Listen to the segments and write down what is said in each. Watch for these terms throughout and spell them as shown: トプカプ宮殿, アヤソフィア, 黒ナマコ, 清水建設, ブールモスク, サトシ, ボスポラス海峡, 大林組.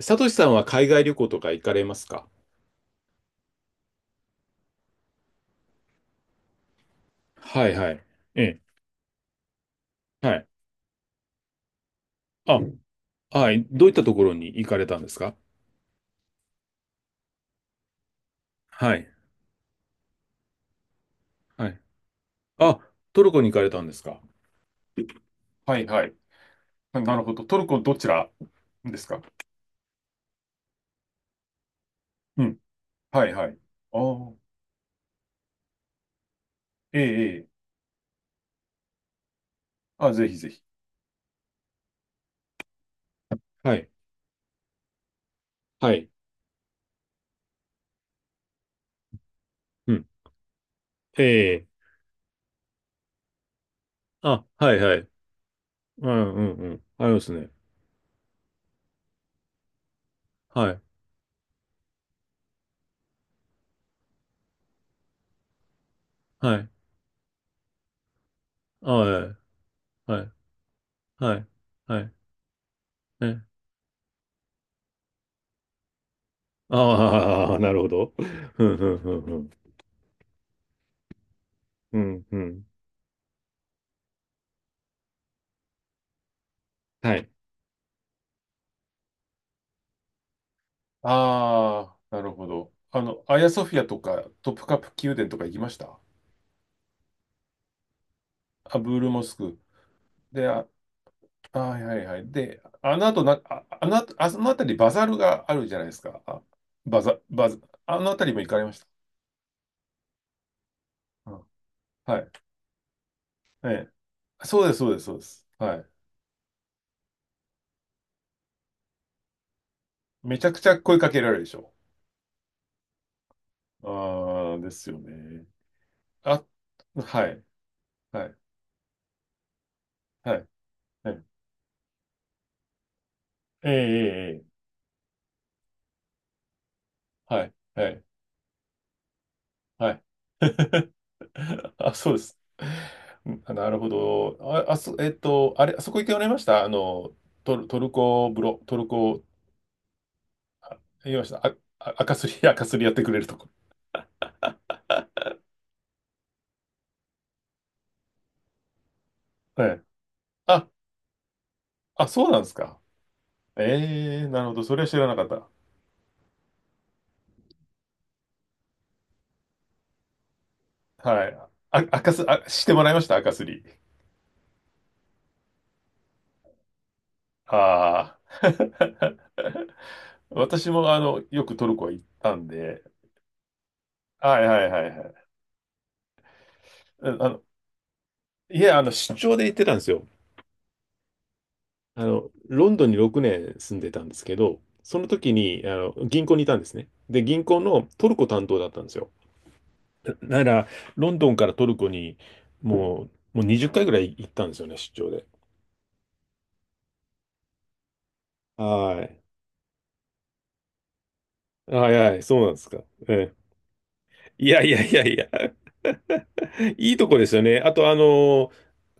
サトシさんは海外旅行とか行かれますか？はいはい。ええ。はい。あ、はい。どういったところに行かれたんですか？はい。はい。あ、トルコに行かれたんですか？はいはい。なるほど。トルコどちらですか？うん。はいはい。ああ、ええ、ええ。あ、ぜひぜひ。はい。はい。うん。ええ。あ、はいはい。うんうんうん。ありますね。はい。はい。あはい。はい。はい。はい。えああ、なるほど。ふんふんふんふん。うん、うん。はい。ああ、なるほど。あの、アヤソフィアとか、トプカプ宮殿とか行きましたあ、ブールモスク。で、あ、あはいはいはい。で、あの後な、あ、あの後、あその辺りバザルがあるじゃないですか。あ、バザ、バザ、あの辺りも行かれました？うんはい。ええ。そうです、そうです、そうです。はい。めちゃくちゃ声かけられるでしょ？ああ、ですよね。あ、はい、はい、はい。はいええ、ええ、ええはい、はい、はい。あ、そうです。うんなるほど。あ、あそ、えっと、あれ、あそこ行っておられました、あの、トルコ風呂、トルコ、言いました。あ、あ赤すり、赤すりやってくれるとこ。はい。あ、あ、そうなんですか。ええーなるほど。それは知らなかった。はい。あ、赤す、あ、してもらいました、赤すり。ああ。私も、あの、よくトルコ行ったんで。はいはいはいはい。あの、いや、あの、出張で行ってたんですよ。あの、ロンドンに6年住んでたんですけど、その時に、あの、銀行にいたんですね。で、銀行のトルコ担当だったんですよ。なから、ロンドンからトルコに、ももう20回ぐらい行ったんですよね、出張で。はい。はいはい、そうなんですか。ええ。いやいやいやいや、いいとこですよね。あと、あの、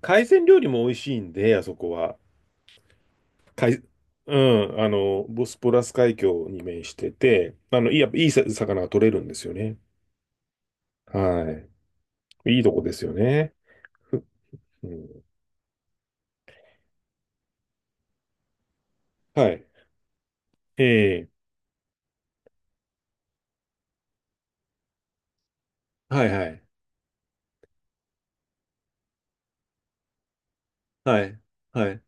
海鮮料理も美味しいんで、あそこは。海、うん、あの、ボスポラス海峡に面してて、あの、いい魚が取れるんですよね。はい。いいとこですよね。ふうんはい。ええはいはい。はい。はい。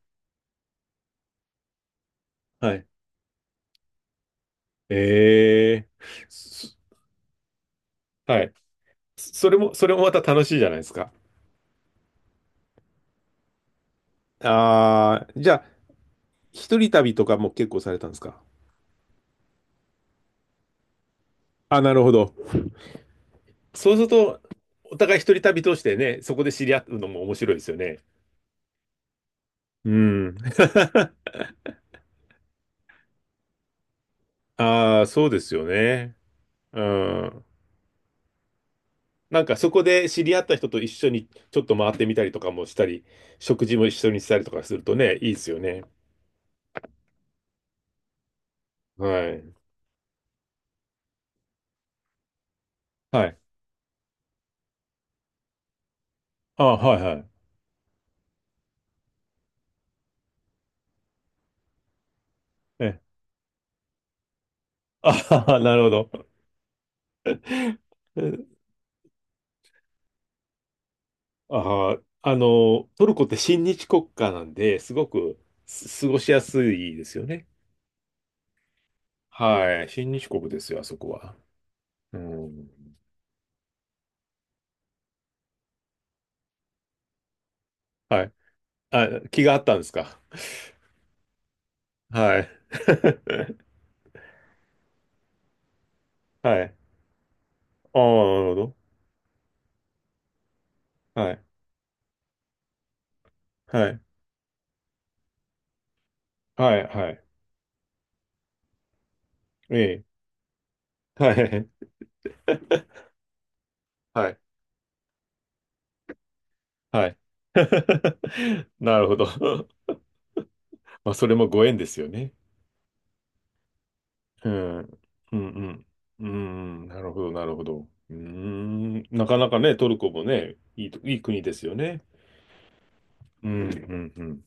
はい。ええそはい。それも、それもまた楽しいじゃないですか。ああ、じゃあ、一人旅とかも結構されたんですか？あ、なるほど。そうすると、お互い一人旅通してね、そこで知り合うのも面白いですよね。うん。ああ、そうですよね。うん。なんかそこで知り合った人と一緒にちょっと回ってみたりとかもしたり、食事も一緒にしたりとかするとね、いいですよね。はい。はい。あ、はいはい。え、あ、なるほど。えあ、あの、トルコって親日国家なんで、すごく過ごしやすいですよね。はい。親日国ですよ、あそこは。うん。はい。あ、気があったんですか？はい。はい。ああ、なるほど。はい。はい。はい。はい。ええ。はい。はい。はい。なるほど。まあ、それもご縁ですよね。うん、うん、うん、うん、なるほど、なるほど。うーん、なかなかね、トルコもね、いい国ですよね。うん、うん、うん、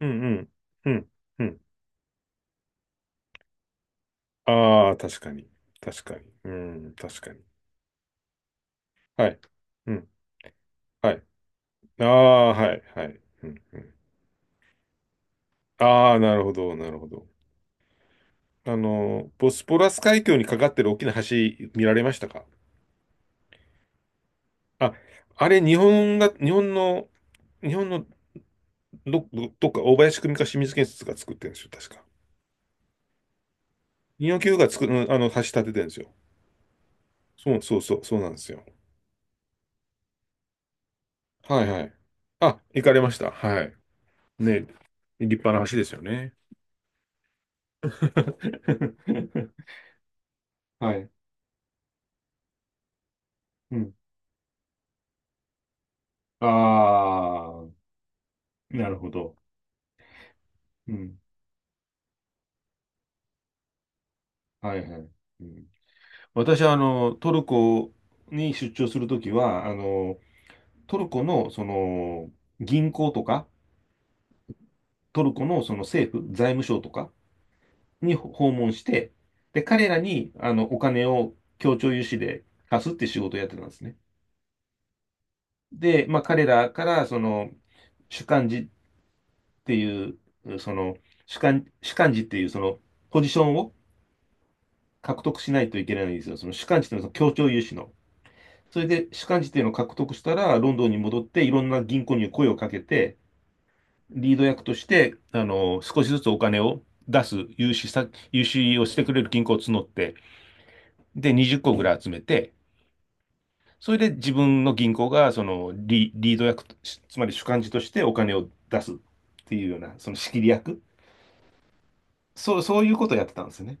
うん、うん、うん、うん。ああ、確かに、確かに、うん、確かに。はい、うん、はい。ああ、はい、はい。うん、うん。ああ、なるほど、なるほど。あの、ボスポラス海峡にかかってる大きな橋見られましたか？あ、あれ、日本のどっか、大林組か清水建設が作ってるんですよ、確か。二4 9が作る、あの、橋立ててるんですよ。そうそうそう、そうなんですよ。はいはい。あ、行かれました。はい。ね、立派な橋ですよね。はい。うん。ああ、なるほど。うん。はいはい。うん、私は、あの、トルコに出張するときは、あの、トルコの、その、銀行とか、トルコのその政府、財務省とかに訪問して、で、彼らに、あの、お金を協調融資で貸すって仕事をやってたんですね。で、まあ、彼らから、その、主幹事っていう、その、主幹事っていう、その、ポジションを獲得しないといけないんですよ。その主幹事っていうのは、その協調融資の。それで、主幹事っていうのを獲得したら、ロンドンに戻って、いろんな銀行に声をかけて、リード役として、あの、少しずつお金を出す、融資をしてくれる銀行を募って、で、20個ぐらい集めて、それで自分の銀行がそのリード役し、つまり主幹事としてお金を出すっていうような、その仕切り役。そう、そういうことをやってたんですよね。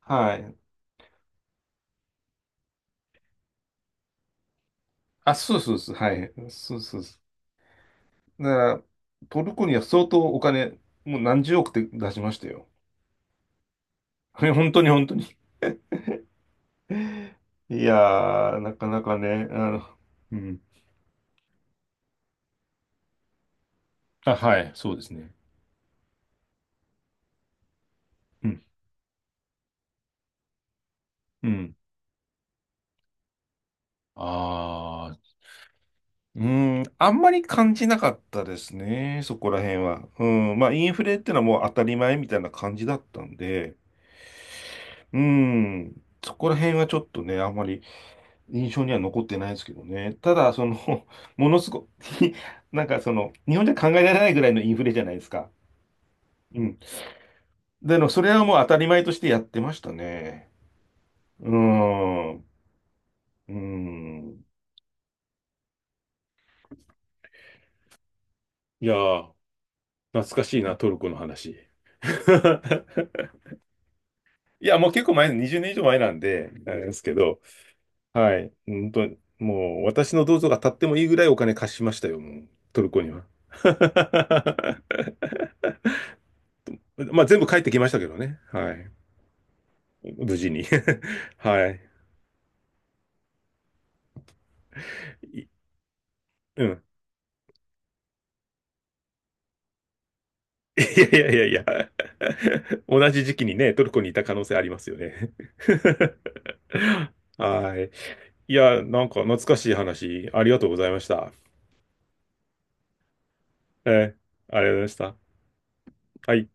はい。あ、そうそうそう。はい。そうそうそう。だから、トルコには相当お金、もう何十億って出しましたよ。本当に本当に。いやー、なかなかね、あの、うん。あ、はい、そうですね。うん。うん。ああ、うーん、あんまり感じなかったですね、そこら辺は。うん、まあ、インフレってのはもう当たり前みたいな感じだったんで、うん、そこら辺はちょっとね、あんまり印象には残ってないですけどね。ただ、その、ものすごい なんかその、日本じゃ考えられないぐらいのインフレじゃないですか。うん。でも、それはもう当たり前としてやってましたね。うーん、うーん。いやー、懐かしいな、トルコの話。いや、もう結構前、20年以上前なんで、あれですけど、はい。本当にもう私の銅像が立ってもいいぐらいお金貸しましたよ、もう、トルコには。まあ、全部帰ってきましたけどね。はい。無事に。はい。いうん。いやいやいやいや。同じ時期にね、トルコにいた可能性ありますよね。はい。いや、なんか懐かしい話、ありがとうございました。えーありがとうございました。はい。